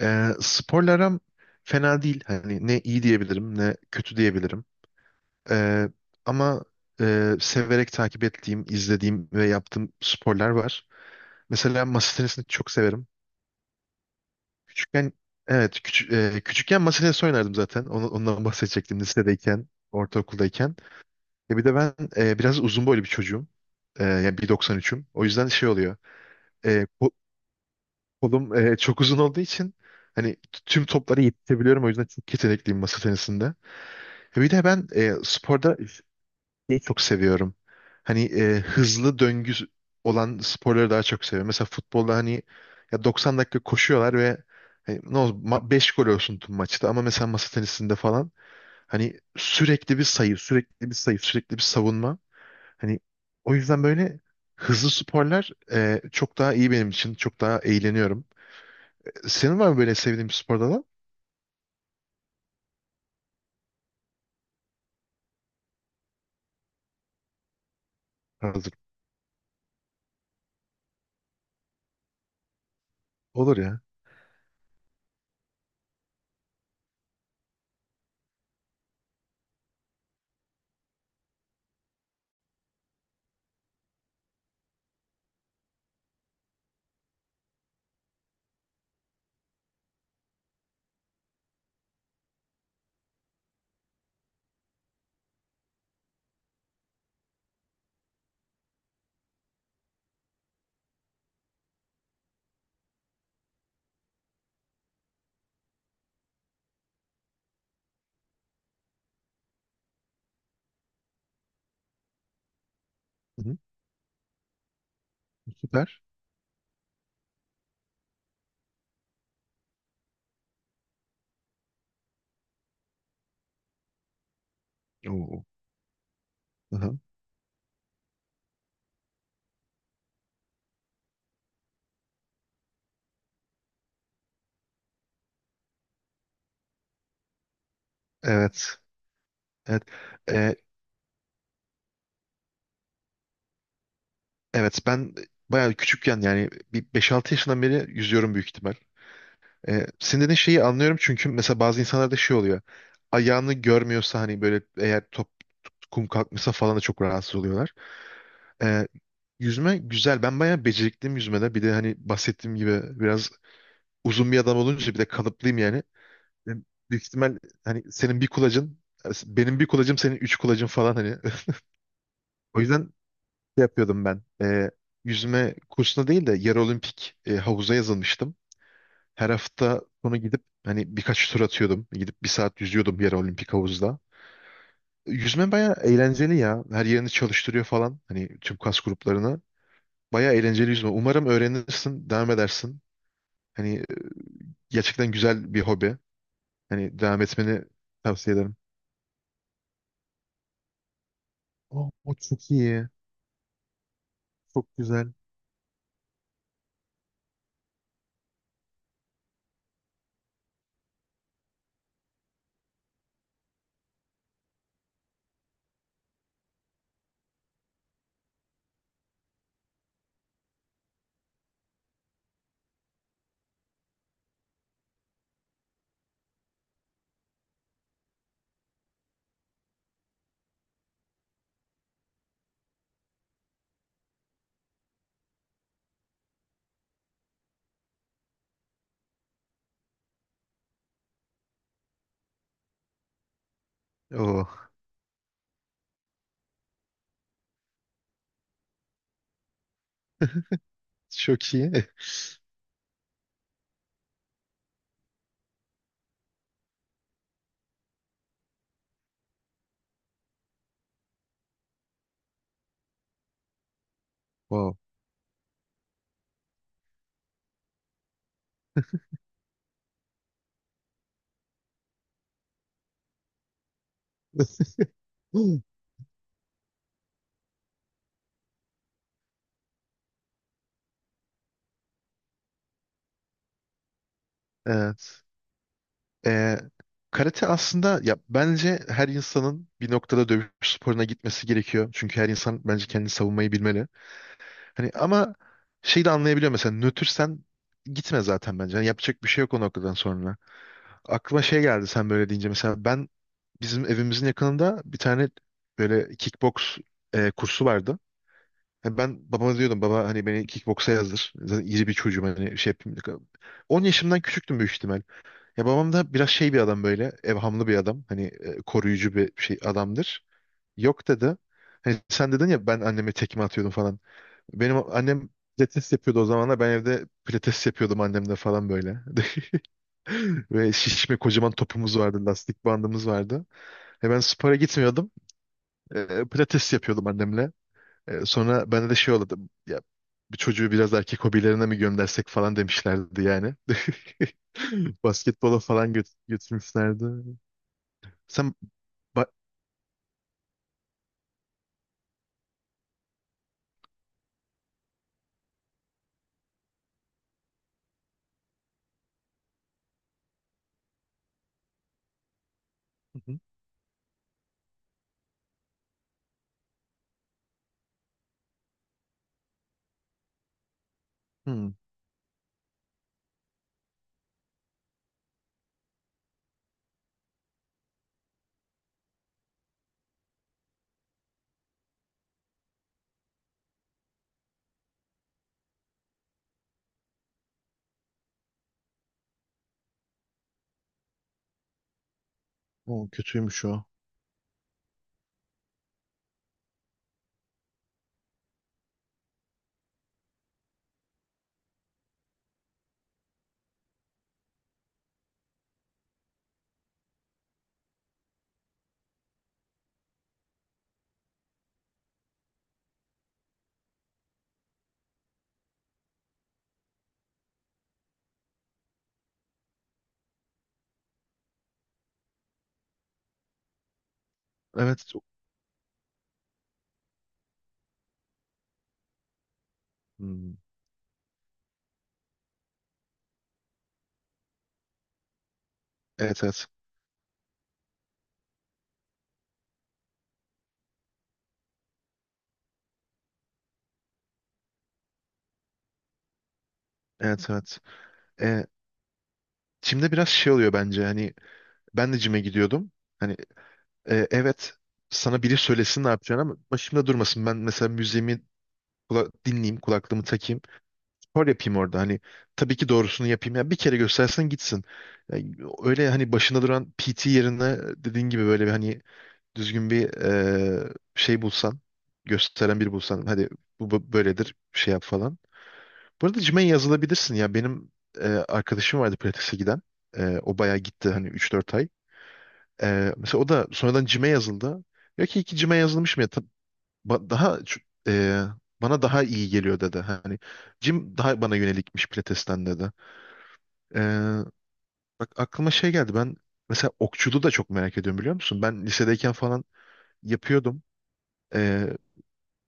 Sporla aram fena değil. Hani ne iyi diyebilirim ne kötü diyebilirim. Ee, Ama severek takip ettiğim, izlediğim ve yaptığım sporlar var. Mesela masa tenisini çok severim. Küçükken, evet, küçükken masa tenisi oynardım zaten. Ondan bahsedecektim, lisedeyken, ortaokuldayken. Ya bir de ben biraz uzun boylu bir çocuğum. Yani 1,93'üm. O yüzden şey oluyor. E, ko- Kolum çok uzun olduğu için hani tüm toplara yetişebiliyorum. O yüzden çok yetenekliyim masa tenisinde. Bir de ben sporda şeyi çok seviyorum. Hani hızlı döngü olan sporları daha çok seviyorum. Mesela futbolda hani ya 90 dakika koşuyorlar ve hani ne olsun 5 gol olsun tüm maçta, ama mesela masa tenisinde falan hani sürekli bir sayı, sürekli bir sayı, sürekli bir savunma. Hani o yüzden böyle hızlı sporlar çok daha iyi benim için. Çok daha eğleniyorum. Senin var mı böyle sevdiğin bir spor dalı? Hazır. Olur ya. Hı hı. Süper. Oo. Hı hı. Evet. Evet. Ee, evet, ben bayağı küçükken, yani bir 5-6 yaşından beri yüzüyorum büyük ihtimal. Senin dediğin şeyi anlıyorum çünkü mesela bazı insanlarda şey oluyor. Ayağını görmüyorsa hani böyle, eğer top kum kalkmışsa falan da çok rahatsız oluyorlar. Ee, Yüzme güzel. Ben bayağı becerikliyim yüzmede. Bir de hani bahsettiğim gibi biraz uzun bir adam olunca bir de kalıplıyım yani. Benim Büyük ihtimal hani senin bir kulacın, benim bir kulacım, senin üç kulacın falan hani. O yüzden şey yapıyordum ben. Yüzme kursuna değil de yarı olimpik havuza yazılmıştım. Her hafta sonu gidip hani birkaç tur atıyordum. Gidip bir saat yüzüyordum yarı olimpik havuzda. Yüzme bayağı eğlenceli ya. Her yerini çalıştırıyor falan. Hani tüm kas gruplarını. Bayağı eğlenceli yüzme. Umarım öğrenirsin, devam edersin. Hani gerçekten güzel bir hobi. Hani devam etmeni tavsiye ederim. Aa, o çok iyi. Çok güzel. Oo, çok iyi. Wow. Evet. Ee, Karate aslında, ya bence her insanın bir noktada dövüş sporuna gitmesi gerekiyor. Çünkü her insan bence kendini savunmayı bilmeli. Hani ama şey de anlayabiliyor, mesela nötrsen gitme zaten bence. Yani yapacak bir şey yok o noktadan sonra. Aklıma şey geldi sen böyle deyince. Mesela ben bizim evimizin yakınında bir tane böyle kickbox kursu vardı. Hani ben babama diyordum, baba hani beni kickboksa yazdır. Zaten iri bir çocuğum, hani şey yapayım. 10 yaşımdan küçüktüm büyük ihtimal. Ya babam da biraz şey bir adam, böyle evhamlı bir adam. Hani koruyucu bir şey adamdır. Yok dedi. Hani sen dedin ya, ben anneme tekme atıyordum falan. Benim annem pilates yapıyordu o zamanlar. Ben evde pilates yapıyordum annemle falan böyle. Ve şişme kocaman topumuz vardı. Lastik bandımız vardı. Ben spora gitmiyordum. Pilates yapıyordum annemle. Sonra bende de şey oldu. Ya bir çocuğu biraz erkek hobilerine mi göndersek falan demişlerdi yani. Basketbola falan götürmüşlerdi. Sen ba- Hı hı. Hmm, O kötüymüş o. Evet. Hmm, evet, evet. Evet, evet. Ee, Çim'de biraz şey oluyor bence. Hani ben de cime gidiyordum. Hani, evet, sana biri söylesin ne yapacağını ama başımda durmasın. Ben mesela müziğimi dinleyeyim, kulaklığımı takayım. Spor yapayım orada. Hani tabii ki doğrusunu yapayım. Ya bir kere göstersen gitsin. Ya, öyle hani başında duran PT yerine dediğin gibi böyle bir hani düzgün bir şey bulsan, gösteren biri bulsan. Hadi, bu böyledir, şey yap falan. Bu arada gym'e yazılabilirsin ya. Benim arkadaşım vardı pilatese giden. O bayağı gitti, hani 3-4 ay. Mesela o da sonradan cime yazıldı. Diyor ki iki cime yazılmış mı ya? Ba- Daha ç- e, Bana daha iyi geliyor dedi. Hani cim daha bana yönelikmiş Pilates'ten dedi. Ee, Bak aklıma şey geldi. Ben mesela okçuluğu da çok merak ediyorum biliyor musun? Ben lisedeyken falan yapıyordum. Ee,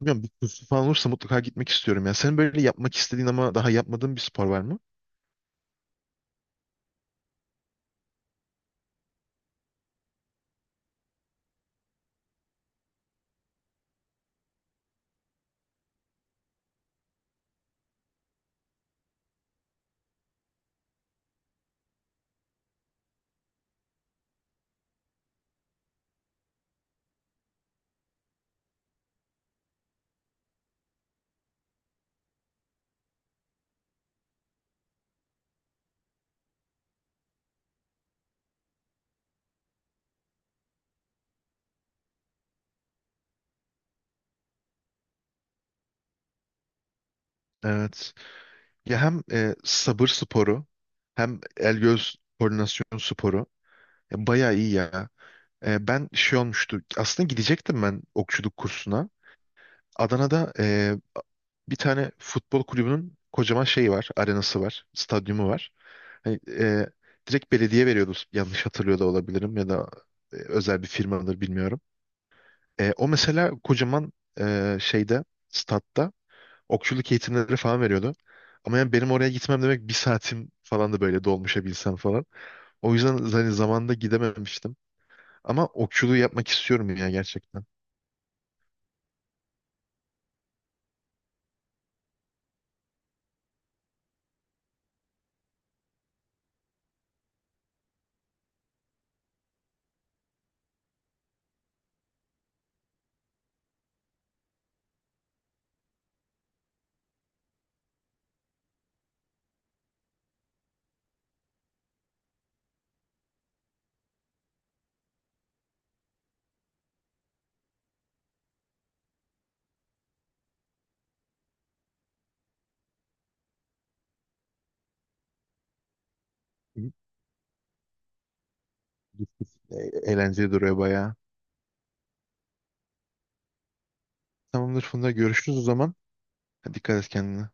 Bilmiyorum, bir kursu falan olursa mutlaka gitmek istiyorum. Yani senin böyle yapmak istediğin ama daha yapmadığın bir spor var mı? Evet. Ya hem sabır sporu, hem el göz koordinasyon sporu. Ya bayağı iyi ya. Ben şey olmuştu. Aslında gidecektim ben okçuluk kursuna. Adana'da bir tane futbol kulübünün kocaman şeyi var. Arenası var. Stadyumu var. Hani, direkt belediye veriyordu. Yanlış hatırlıyor da olabilirim, ya da özel bir firmadır bilmiyorum. O mesela kocaman şeyde, statta, okçuluk eğitimleri falan veriyordu. Ama yani benim oraya gitmem demek bir saatim falan, da böyle dolmuşa binsem falan. O yüzden hani zamanında gidememiştim. Ama okçuluğu yapmak istiyorum ya gerçekten. İyi, git, git. Eğlenceli duruyor bayağı. Tamamdır Funda, görüşürüz o zaman. Hadi, dikkat et kendine.